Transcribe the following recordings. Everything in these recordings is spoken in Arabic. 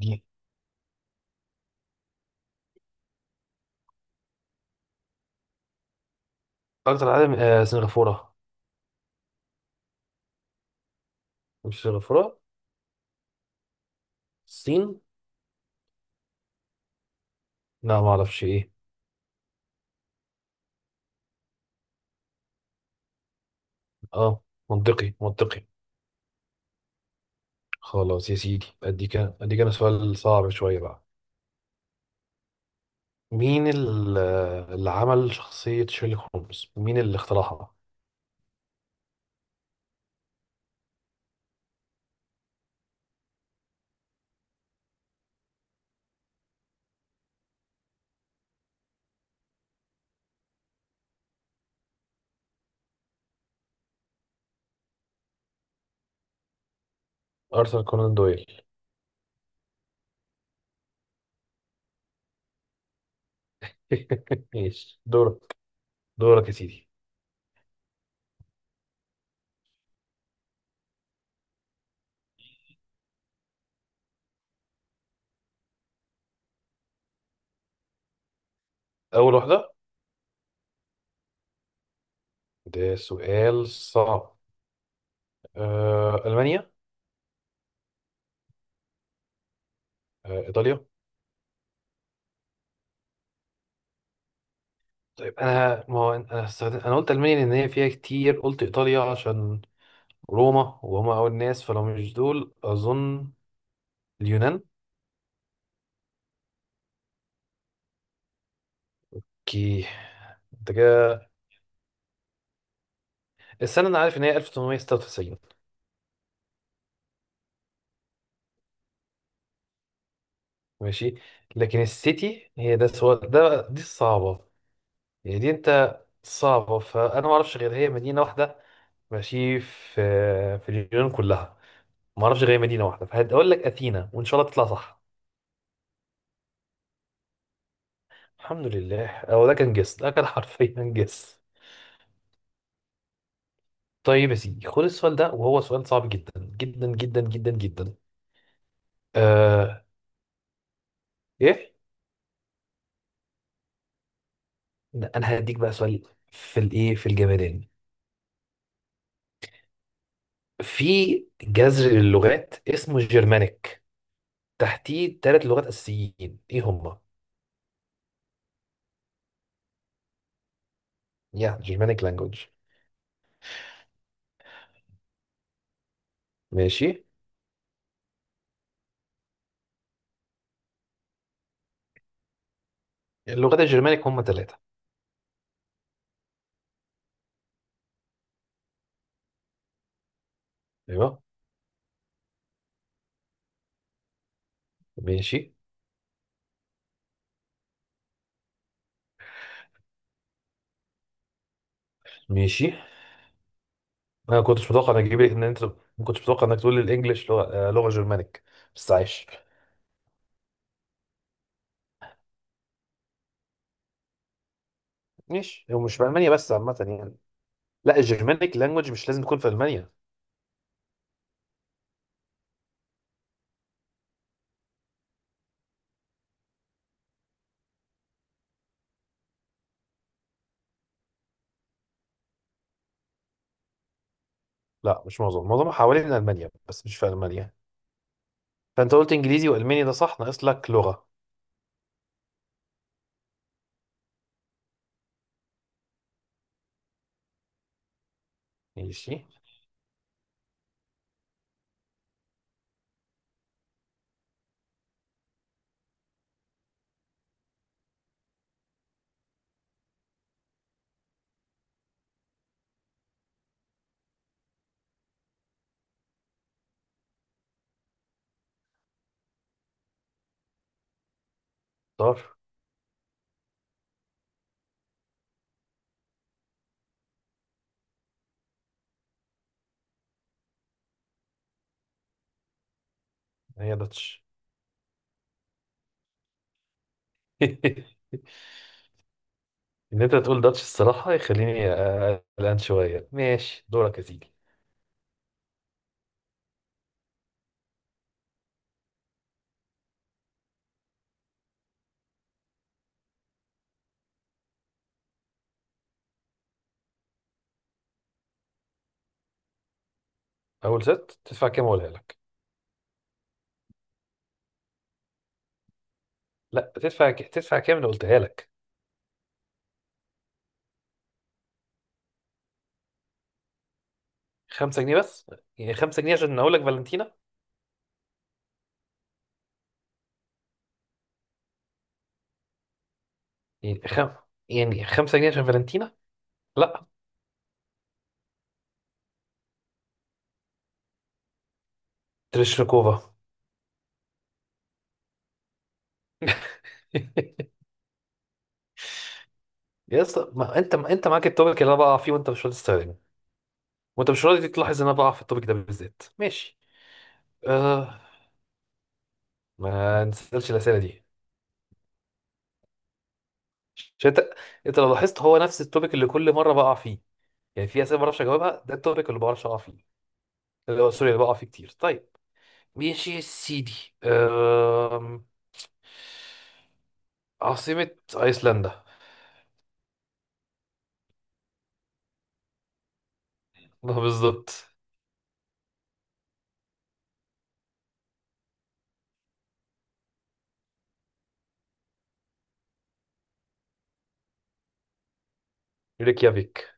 دي اكتر عالم سنغافورة. مش سنغافورة، الصين. لا ما اعرفش ايه. اه، منطقي خلاص يا سيدي، اديك انا سؤال صعب شوية بقى. مين ال- آه، اللي عمل شخصية شيرلوك هولمز، مين اللي اخترعها؟ ارثر كونان دويل. ماشي دورك، دورك يا سيدي. اول واحدة؟ ده سؤال صعب. المانيا. ايطاليا. طيب انا ما هو انا استخدم... انا قلت المانيا لان هي فيها كتير، قلت ايطاليا عشان روما، وهم أول ناس، فلو مش دول أظن. اليونان. كي انت كده، السنة أنا عارف إن هي 1896. ماشي، لكن السيتي هي ده دي الصعبة، يعني دي أنت صعبة، فأنا ما أعرفش غير هي مدينة واحدة ماشي في في اليونان كلها. ما أعرفش غير هي مدينة واحدة، فهقول لك أثينا وإن شاء الله تطلع صح. الحمد لله، أو ده كان جس، ده كان حرفيا جس. طيب يا سيدي خد السؤال ده، وهو سؤال صعب جدا جدا جدا جدا جدا. آه، ايه؟ ده انا هديك بقى سؤال في الايه في الجمدان. في جذر للغات اسمه الجرمانيك، تحتيه ثلاث لغات اساسيين، ايه هما؟ يا جرمانيك لانجوج. ماشي. اللغات الجرمانيك هما ثلاثه. ايوه. ماشي. ماشي. انا كنتش متوقع انك تجيب ان انت، ما كنتش متوقع انك تقول الانجليش لغه، لغه جرمانيك، بس عايش. ماشي، هو مش في المانيا بس، عامه يعني. لا الجرمانيك لانجوج مش لازم تكون في المانيا. لا مش معظم، حوالين المانيا بس مش في المانيا. فانت قلت انجليزي والماني، ده صح، ناقص لك لغه. ماشي، اختار. هي داتش. ان انت تقول داتش الصراحه، يخليني قلقان شويه. ماشي دورك يا سيدي. اول ست تدفع كام اقولها لك؟ لا، تدفع كام اللي قلتها لك. خمسة جنيه بس؟ يعني خمسة جنيه عشان اقول لك فالنتينا. يعني خم... يعني خمسة جنيه عشان فالنتينا. لا، تريشنكوفا. يا اسطى، ما انت معاك التوبيك اللي انا بقع فيه وانت مش راضي تستخدمه، وانت مش راضي تلاحظ ان انا بقع في التوبيك ده بالذات. ماشي. آه، ما نسألش الأسئلة دي. عشان أنت لو لاحظت هو نفس التوبيك اللي كل مرة بقع فيه. يعني في أسئلة ما بعرفش أجاوبها، ده التوبيك اللي ما بعرفش أقع فيه، اللي هو سوري اللي بقع فيه كتير. طيب، ماشي يا سيدي. أم... عاصمة أيسلندا. ما بالظبط. ريكيافيك.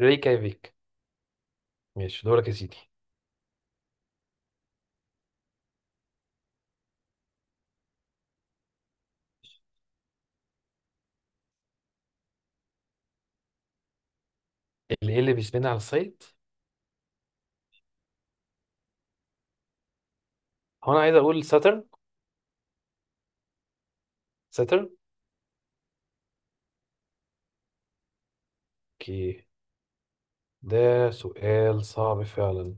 ريكيافيك. ماشي دورك يا سيدي. اللي إيه، اللي بيسمينا على الصيد؟ هو أنا عايز أقول ساترن. ساترن. أوكي، ده سؤال صعب فعلا.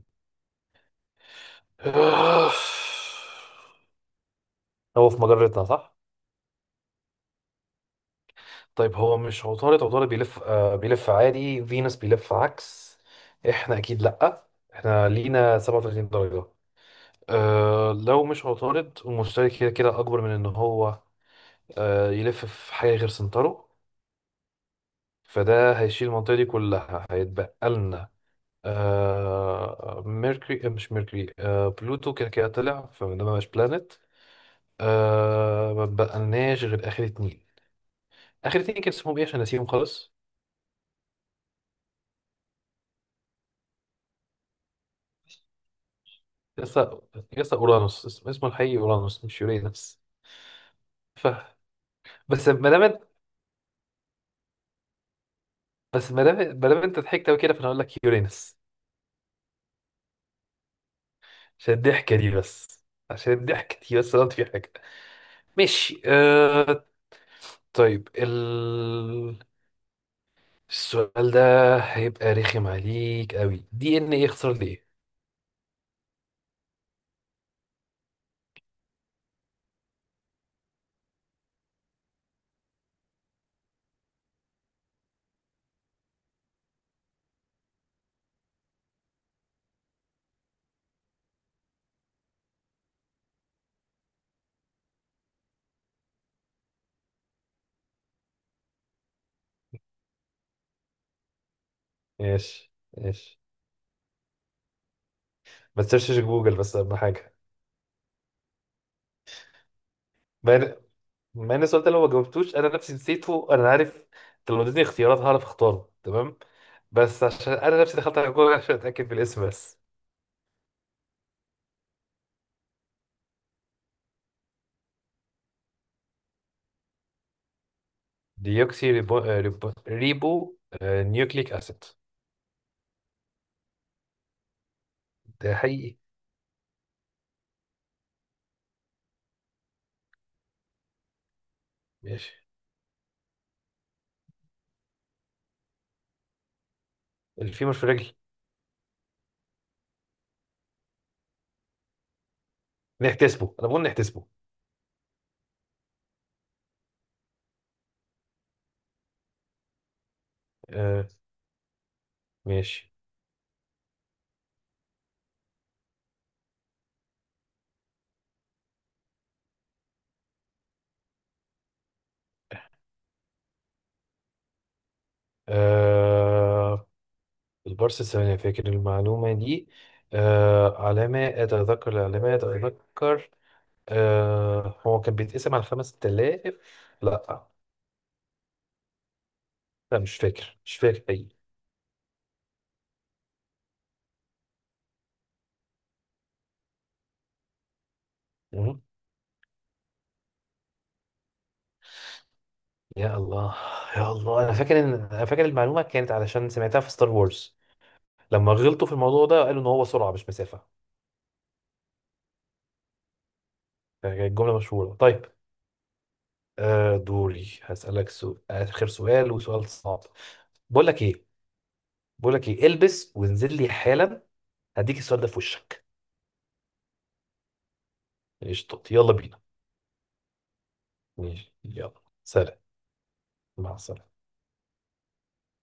هو في مجرتنا صح؟ طيب هو مش عطارد؟ عطارد بيلف آه بيلف عادي، فينوس بيلف عكس، احنا اكيد لأ، احنا لينا 37 درجة. آه لو مش عطارد، المشتري كده كده اكبر من ان هو آه يلف في حاجة غير سنتره، فده هيشيل المنطقة دي كلها، هيتبقى لنا آه ميركوري، آه، مش ميركوري آه بلوتو. كده كده طلع فده مبقاش بلانت. آه ما بقالناش غير اخر اتنين. اخر اتنين كان اسمهم ايه عشان نسيهم خالص؟ يسا، يسا اورانوس، اسمه الحقيقي اورانوس مش يورينس. ف بس ما دام إنت- بس ما دام انت ضحكت قوي كده، فانا هقول لك يورينس. عشان الضحكه دي بس، عشان الضحكه دي بس غلط في حاجه. ماشي، آه... طيب ال... السؤال ده هيبقى رخم عليك قوي. دي ان ايه، يخسر ليه؟ ماشي ماشي، ما تسيرشش جوجل بس اهم حاجه. ما إن- ما ان السؤال ده لو ما جاوبتوش انا نفسي نسيته انا عارف. أنت لو اديتني اختيارات هعرف اختاره تمام، بس عشان انا نفسي دخلت على جوجل عشان اتاكد بالاسم بس. ديوكسي ريبو, ريبو, ريبو آه، نيوكليك اسيد. ده حقيقي. ماشي. الفيمور في الرجل، نحتسبه، انا بقول نحتسبه. آه، ماشي. آه، البارس الثمانية فاكر المعلومة دي. آه على ما أتذكر، على ما أتذكر، آه هو كان بيتقسم على 5000. لا، لا مش فاكر، مش فاكر حقيقي. يا الله، يا الله انا فاكر ان انا فاكر المعلومه كانت علشان سمعتها في ستار وورز. لما غلطوا في الموضوع ده قالوا ان هو سرعه مش مسافه. كانت الجمله مشهوره. طيب، آه دوري هسالك سؤال، اخر سؤال، وسؤال صعب. بقول لك ايه، بقول لك ايه، البس وانزل لي حالا، هديك السؤال ده في وشك. قشطة يلا بينا. ماشي يلا سلام. مع السلامه.